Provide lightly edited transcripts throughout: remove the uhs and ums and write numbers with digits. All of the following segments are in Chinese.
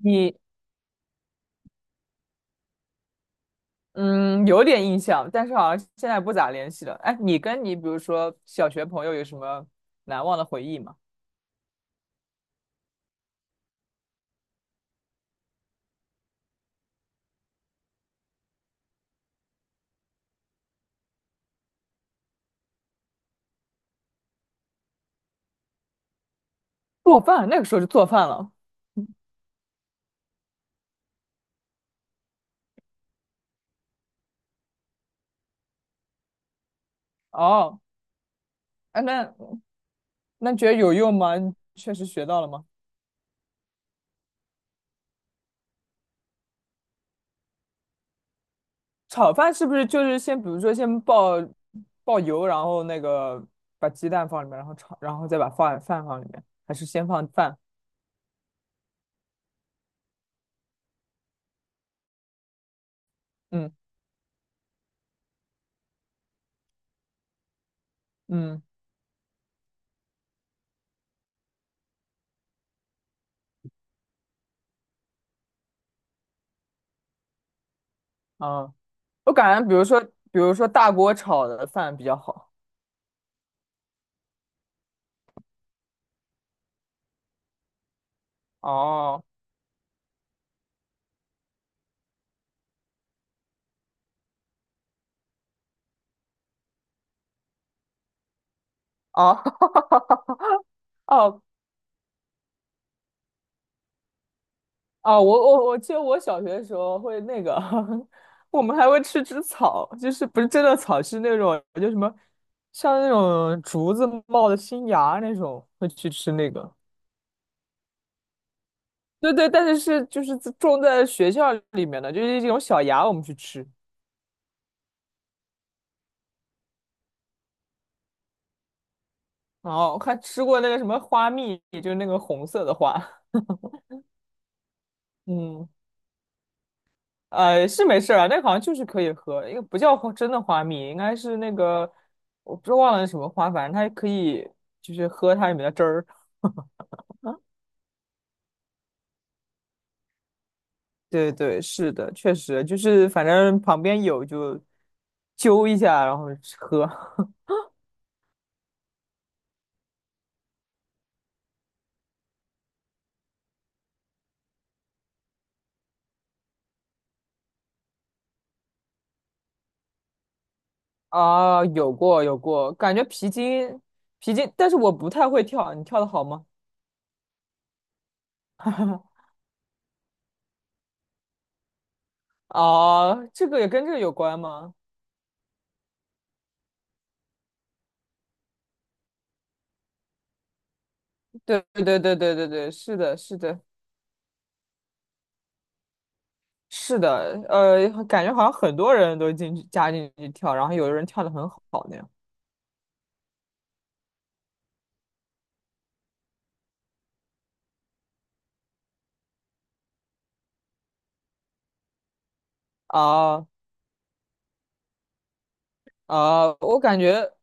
你嗯有点印象，但是好像现在不咋联系了。哎，你比如说小学朋友有什么难忘的回忆吗？做饭，那个时候就做饭了。哦，哎，那觉得有用吗？你确实学到了吗？炒饭是不是就是先比如说先爆油，然后那个把鸡蛋放里面，然后炒，然后再把饭放里面，还是先放饭？嗯嗯啊，我感觉比如说大锅炒的饭比较好。哦。哦，哦。哦，我记得我小学的时候会那个，我们还会吃吃草，就是不是真的草，是那种就什么像那种竹子冒的新芽那种，会去吃那个。对对，但是是就是自种在学校里面的，就是这种小芽，我们去吃。然后还吃过那个什么花蜜，就是那个红色的花。嗯。呃，是没事儿啊，那个好像就是可以喝，因为不叫花真的花蜜，应该是那个我不知道忘了是什么花，反正它可以就是喝它里面的汁儿。对对，是的，确实就是反正旁边有就揪一下，然后喝。啊，有过有过，感觉皮筋，但是我不太会跳，你跳的好吗？啊，这个也跟这个有关吗？对对对对对对对，是的，是的。是的，感觉好像很多人都进去加进去跳，然后有的人跳的很好那样。啊啊，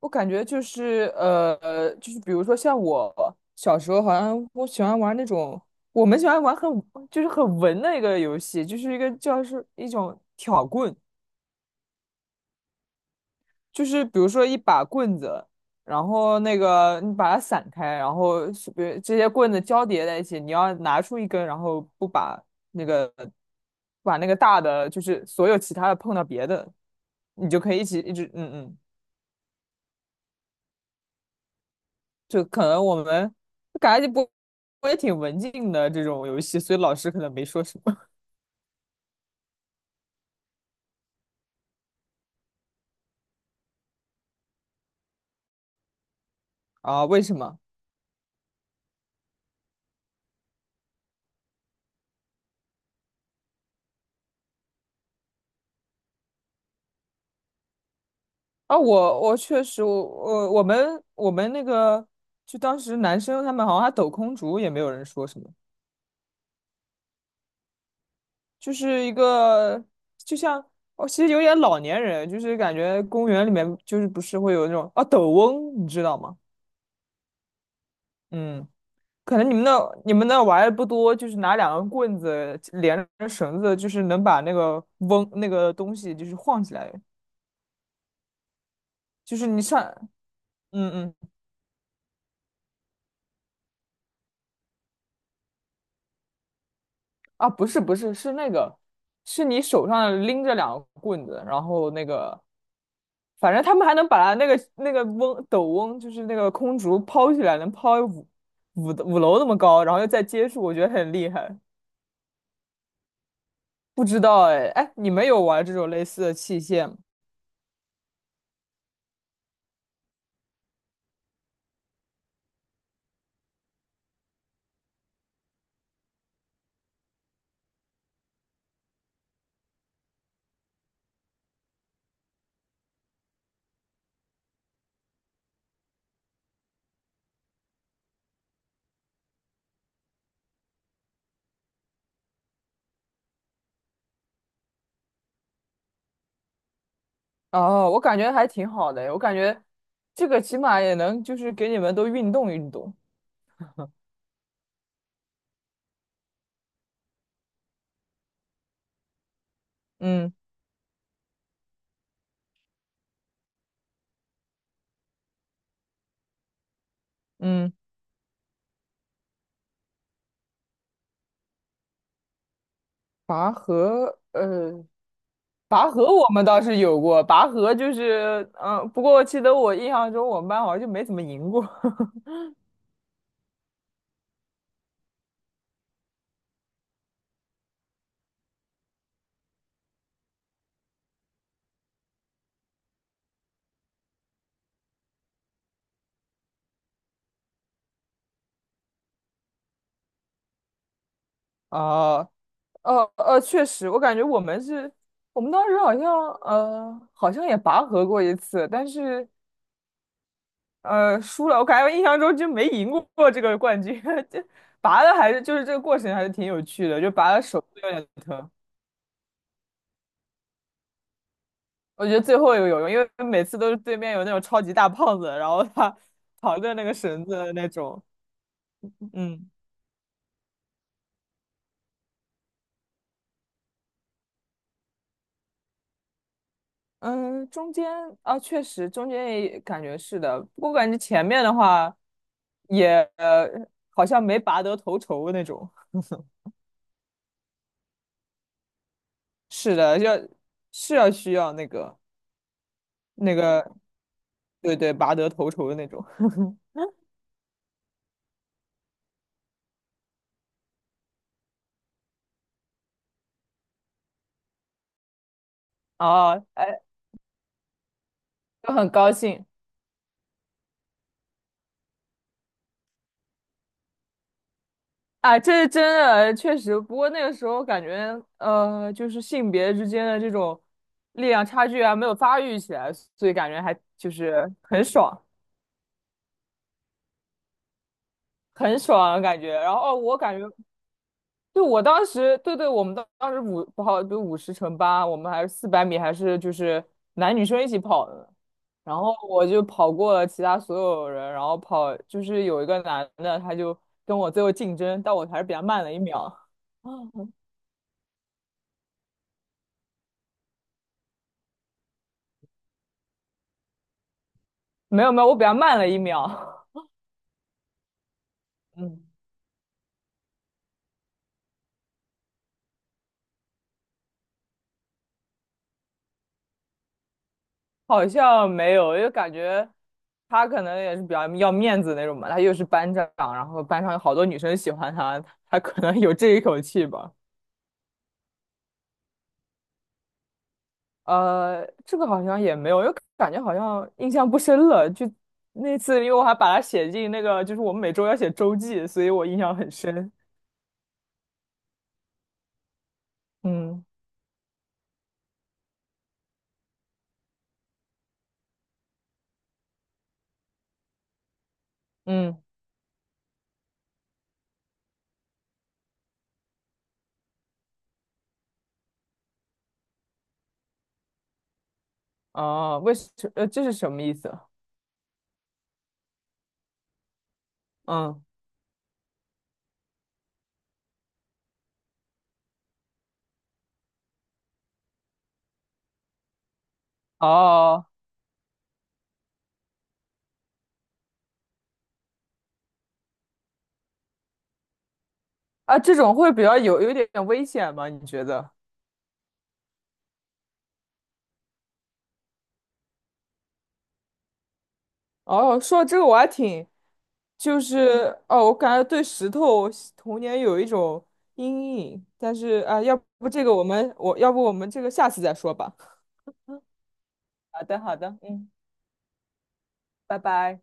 我感觉就是比如说像我小时候，好像我喜欢玩那种，我们喜欢玩就是很文的一个游戏，就是一个叫是一种挑棍。就是比如说一把棍子，然后那个你把它散开，然后是比如这些棍子交叠在一起，你要拿出一根，然后不把那个把那个大的，就是所有其他的碰到别的，你就可以一起一直嗯嗯，就可能我们就感觉不我也挺文静的这种游戏，所以老师可能没说什么。 啊？为什么？啊，我确实，我们那个，就当时男生他们好像还抖空竹，也没有人说什么。就是一个，就像哦，其实有点老年人，就是感觉公园里面就是不是会有那种啊抖翁，你知道吗？嗯，可能你们那玩的不多，就是拿两根棍子连着绳子，就是能把那个翁那个东西就是晃起来，就是你上，嗯嗯啊，不是是那个，是你手上拎着两个棍子，然后那个反正他们还能把那个翁斗翁，就是那个空竹抛起来，能抛五楼那么高，然后又再接住，我觉得很厉害。不知道哎哎，你们有玩这种类似的器械吗？哦，我感觉还挺好的，我感觉这个起码也能就是给你们都运动运动。嗯嗯，拔河，拔河我们倒是有过，拔河就是，嗯、不过我记得我印象中我们班好像就没怎么赢过。哦，确实，我感觉我们是，我们当时好像好像也拔河过一次，但是输了。我感觉印象中就没赢过这个冠军，这拔的还是就是这个过程还是挺有趣的，就拔的手有点疼。我觉得最后有用，因为每次都是对面有那种超级大胖子，然后他 扛着那个绳子的那种，嗯。嗯，中间啊，确实中间也感觉是的，不过感觉前面的话也好像没拔得头筹那种。是的，要是要需要那个那个，对对，拔得头筹的那种。哦，哎，就很高兴啊，这是真的，确实。不过那个时候感觉，就是性别之间的这种力量差距啊，没有发育起来，所以感觉还就是很爽，很爽的感觉。然后哦我感觉。对，我当时，对对，我们当时不好，比如50乘8，我们还是400米，还是就是男女生一起跑的呢。然后我就跑过了其他所有人，然后跑就是有一个男的，他就跟我最后竞争，但我还是比他慢了一秒。没有没有，我比他慢了一秒。嗯，好像没有，因为感觉他可能也是比较要面子那种嘛。他又是班长，然后班上有好多女生喜欢他，他可能有这一口气吧。这个好像也没有，又感觉好像印象不深了。就那次，因为我还把它写进那个，就是我们每周要写周记，所以我印象很深。嗯嗯，哦，这是什么意思？嗯，哦啊，这种会比较有一点点危险吗？你觉得？哦，说到这个我还挺，就是哦，我感觉对石头童年有一种阴影，但是啊，要不这个我们我要不我们这个下次再说吧。好的，好的，嗯。拜拜。